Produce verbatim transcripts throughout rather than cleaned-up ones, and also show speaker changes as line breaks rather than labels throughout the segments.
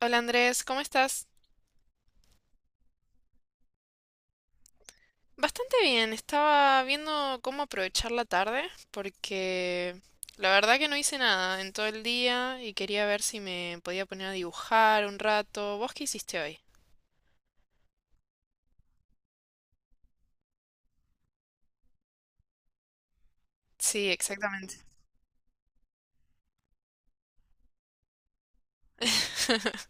Hola Andrés, ¿cómo estás? Bastante bien, estaba viendo cómo aprovechar la tarde porque la verdad que no hice nada en todo el día y quería ver si me podía poner a dibujar un rato. ¿Vos qué hiciste hoy? Sí, exactamente.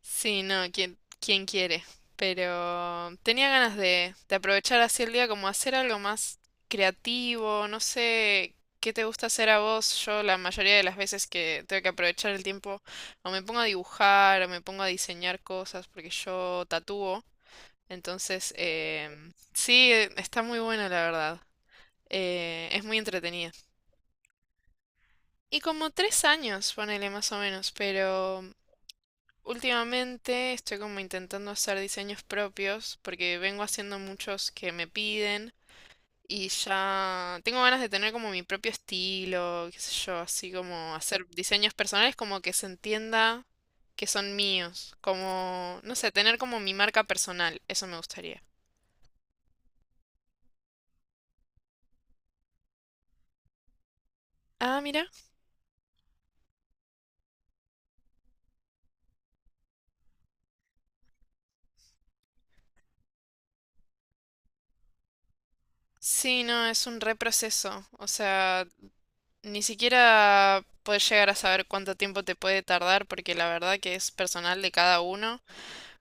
Sí, no, quién quién quiere. Pero tenía ganas de, de aprovechar así el día como hacer algo más creativo, no sé qué te gusta hacer a vos. Yo la mayoría de las veces que tengo que aprovechar el tiempo o me pongo a dibujar o me pongo a diseñar cosas porque yo tatúo. Entonces, em, sí, eh, está muy buena la verdad. Eh, es muy entretenida. Y como tres años, ponele más o menos, pero últimamente estoy como intentando hacer diseños propios porque vengo haciendo muchos que me piden y ya tengo ganas de tener como mi propio estilo, qué sé yo, así como hacer diseños personales como que se entienda que son míos, como, no sé, tener como mi marca personal, eso me gustaría. Ah, mira. Sí, no, es un reproceso. O sea, ni siquiera puedes llegar a saber cuánto tiempo te puede tardar porque la verdad que es personal de cada uno.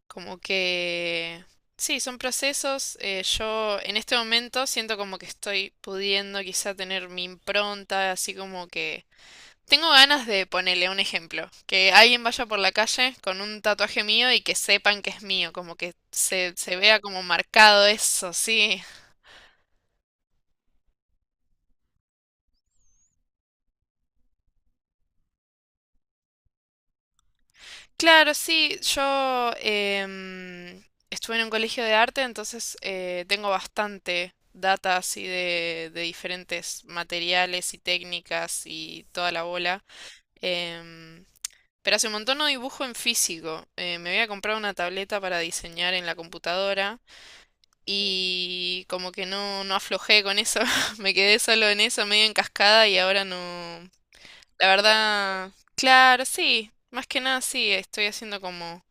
Como que... Sí, son procesos. Eh, yo en este momento siento como que estoy pudiendo quizá tener mi impronta, así como que... Tengo ganas de ponerle un ejemplo, que alguien vaya por la calle con un tatuaje mío y que sepan que es mío, como que se, se vea como marcado eso, sí. Claro, sí, yo em, estuve en un colegio de arte, entonces eh, tengo bastante data así de, de diferentes materiales y técnicas y toda la bola. Em, pero hace un montón no dibujo en físico. Eh, me había comprado una tableta para diseñar en la computadora y como que no, no aflojé con eso. Me quedé solo en eso, medio en cascada y ahora no... La verdad, claro, sí. Más que nada sí, estoy haciendo como...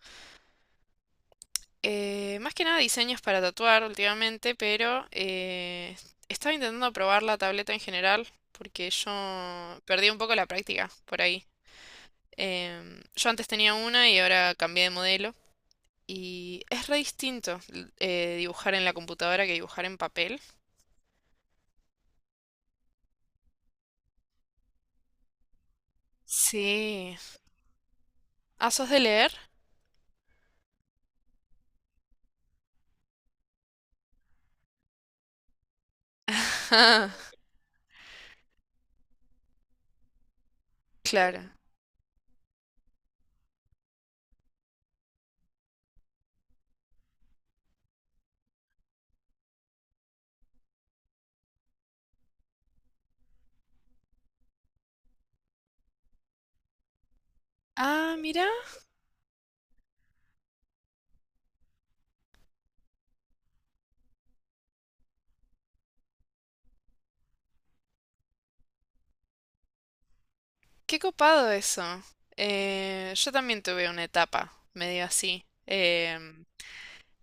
Eh, más que nada diseños para tatuar últimamente, pero eh, estaba intentando probar la tableta en general porque yo perdí un poco la práctica por ahí. Em, yo antes tenía una y ahora cambié de modelo y es re distinto l- eh, dibujar en la computadora que dibujar en papel. Sí. Ah, ¿sos de leer? Ah, claro. Ah, mira, qué copado eso. Eh, yo también tuve una etapa medio así. Em,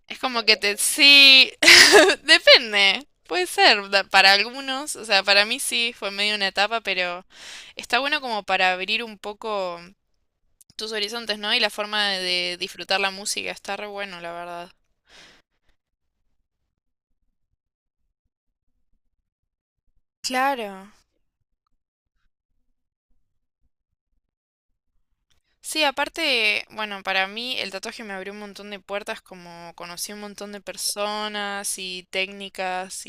Es como que te... Sí, depende. Puede ser da- para algunos, o sea, para mí sí, fue medio una etapa, pero está bueno como para abrir un poco tus horizontes, ¿no? Y la forma de disfrutar la música, está re bueno, la verdad. Claro. Sí, aparte, bueno, para mí el tatuaje me abrió un montón de puertas, como conocí un montón de personas y técnicas.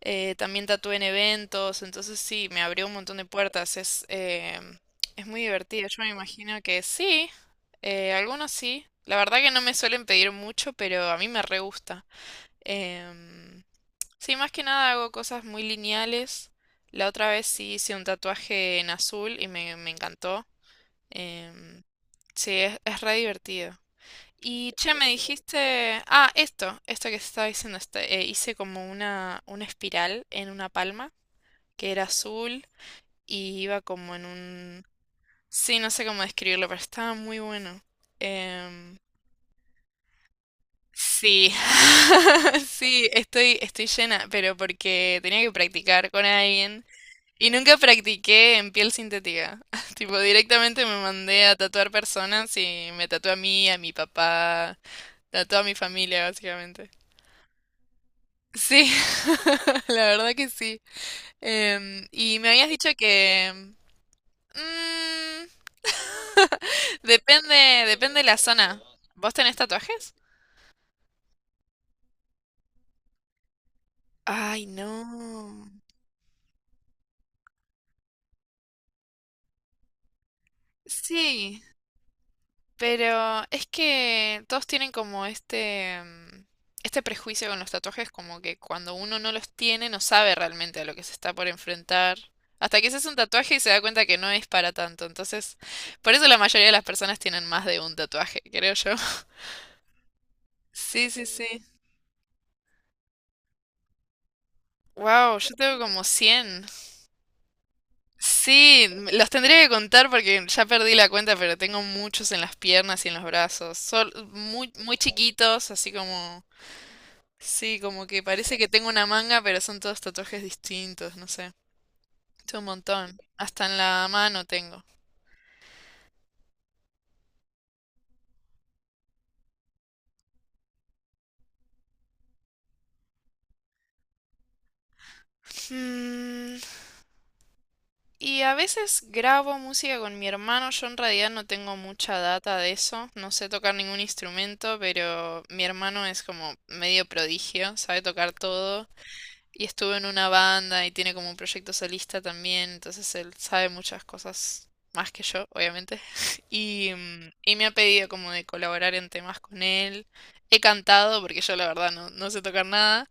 Eh, también tatué en eventos, entonces sí, me abrió un montón de puertas. Es, eh, es muy divertido. Yo me imagino que sí, eh, algunos sí. La verdad que no me suelen pedir mucho, pero a mí me re gusta. Em, sí, más que nada hago cosas muy lineales. La otra vez sí hice un tatuaje en azul y me, me encantó. Em, sí, es, es re divertido. Y che, me dijiste, ah, esto, esto que se estaba diciendo, este, eh, hice como una, una espiral en una palma que era azul y iba como en un... Sí, no sé cómo describirlo, pero estaba muy bueno. Em, sí, sí, estoy, estoy llena, pero porque tenía que practicar con alguien y nunca practiqué en piel sintética. Tipo, directamente me mandé a tatuar personas y me tatué a mí, a mi papá, tatué a mi familia, básicamente. Sí, la verdad que sí. Em, y me habías dicho que... mm, Depende, depende de la zona. ¿Vos tenés tatuajes? Ay, no. Sí, pero es que todos tienen como este, mm, este prejuicio con los tatuajes, como que cuando uno no los tiene no sabe realmente a lo que se está por enfrentar. Hasta que se hace un tatuaje y se da cuenta que no es para tanto. Entonces, por eso la mayoría de las personas tienen más de un tatuaje, creo yo. Sí, sí, sí. Wow, yo tengo como cien. Sí, me- los tendría que contar porque ya perdí la cuenta, pero tengo muchos en las piernas y en los brazos. Son muy, muy chiquitos, así como... Sí, como que parece que tengo una manga, pero son todos tatuajes distintos, no sé. Es un montón. Hasta en la mano tengo. Mm, y a veces grabo música con mi hermano. Yo en realidad no tengo mucha data de eso. No sé tocar ningún instrumento, pero mi hermano es como medio prodigio, sabe tocar todo. Y estuvo en una banda y tiene como un proyecto solista también, entonces él sabe muchas cosas más que yo, obviamente. Y, mm, y me ha pedido como de colaborar en temas con él. He cantado, porque yo la verdad no, no sé tocar nada,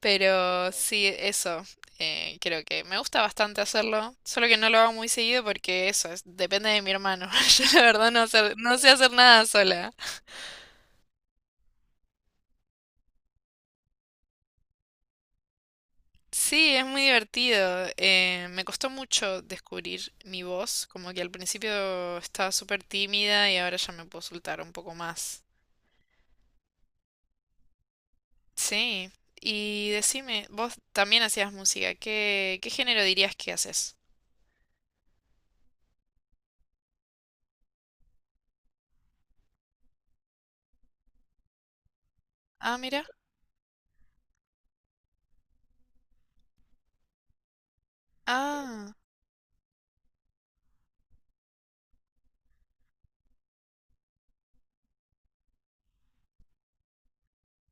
pero sí, eso. Eh, creo que me gusta bastante hacerlo, solo que no lo hago muy seguido porque eso es, depende de mi hermano. Yo la verdad no, hacer- no sé hacer nada sola. Sí, es muy divertido. Eh, me costó mucho descubrir mi voz, como que al principio estaba súper tímida y ahora ya me puedo soltar un poco más. Sí, y decime, vos también hacías música, ¿qué, qué género dirías que haces? Ah, mira. Ah,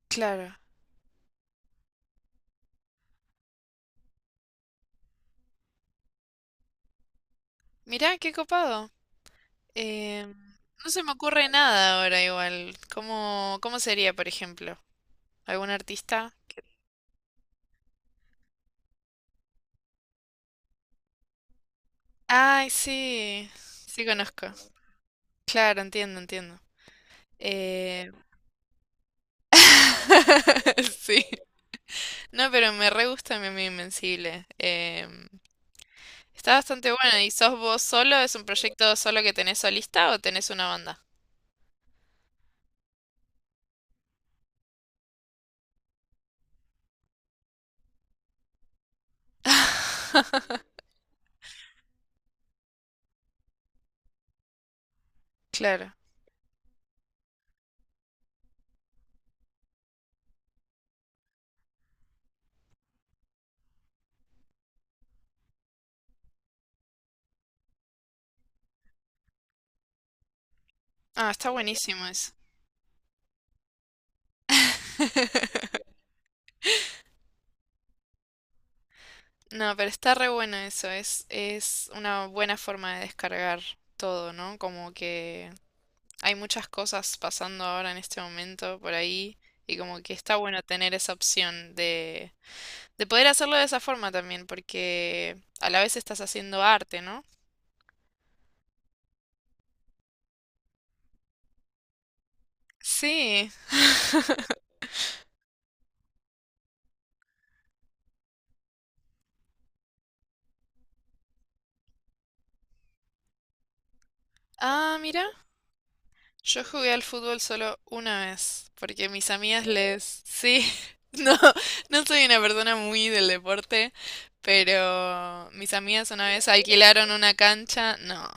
claro. Mira, qué copado. Em, no se me ocurre nada ahora igual. ¿Cómo, cómo sería, por ejemplo? ¿Algún artista? Ay, sí. Sí conozco. Claro, entiendo, entiendo. Eh, Sí. No, pero me re gusta Mi Amigo Invencible. Em, está bastante bueno. ¿Y sos vos solo? ¿Es un proyecto solo que tenés solista o tenés una banda? Claro. Ah, está buenísimo eso. No, pero está re bueno eso. Es, es una buena forma de descargar todo, ¿no? Como que hay muchas cosas pasando ahora en este momento por ahí y como que está bueno tener esa opción de... De poder hacerlo de esa forma también, porque a la vez estás haciendo arte, ¿no? Sí. Ah, mira. Yo jugué al fútbol solo una vez, porque mis amigas les... Sí, no, no soy una persona muy del deporte, pero mis amigas una vez alquilaron una cancha. No,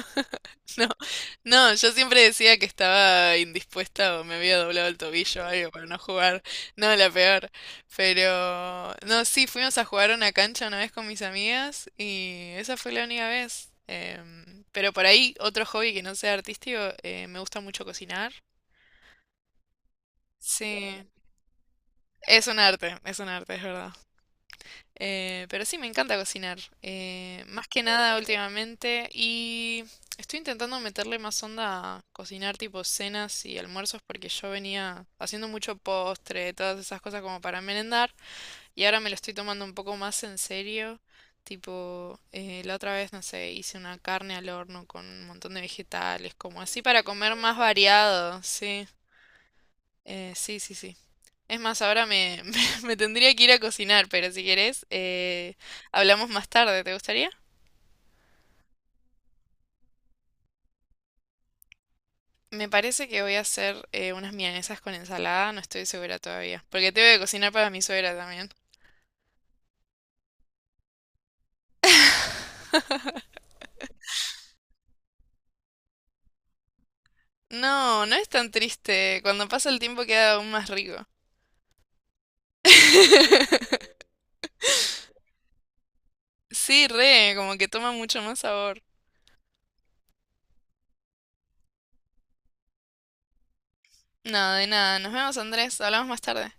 no, no, yo siempre decía que estaba indispuesta o me había doblado el tobillo o algo para no jugar. No, la peor. Pero, no, sí, fuimos a jugar a una cancha una vez con mis amigas y esa fue la única vez. Em, pero por ahí, otro hobby que no sea artístico, eh, me gusta mucho cocinar. Sí, es un arte, es un arte, es verdad. Eh, pero sí, me encanta cocinar. Eh, más que nada últimamente y estoy intentando meterle más onda a cocinar tipo cenas y almuerzos porque yo venía haciendo mucho postre, todas esas cosas como para merendar. Y ahora me lo estoy tomando un poco más en serio. Tipo, eh, la otra vez, no sé, hice una carne al horno con un montón de vegetales, como así para comer más variado, sí. Eh, sí, sí, sí. Es más, ahora me, me, me tendría que ir a cocinar, pero si querés, eh, hablamos más tarde, ¿te gustaría? Me parece que voy a hacer eh, unas milanesas con ensalada, no estoy segura todavía, porque tengo que cocinar para mi suegra también. No, no es tan triste, cuando pasa el tiempo queda aún más rico. Sí, re, como que toma mucho más sabor. Nada, de nada. Nos vemos, Andrés. Hablamos más tarde.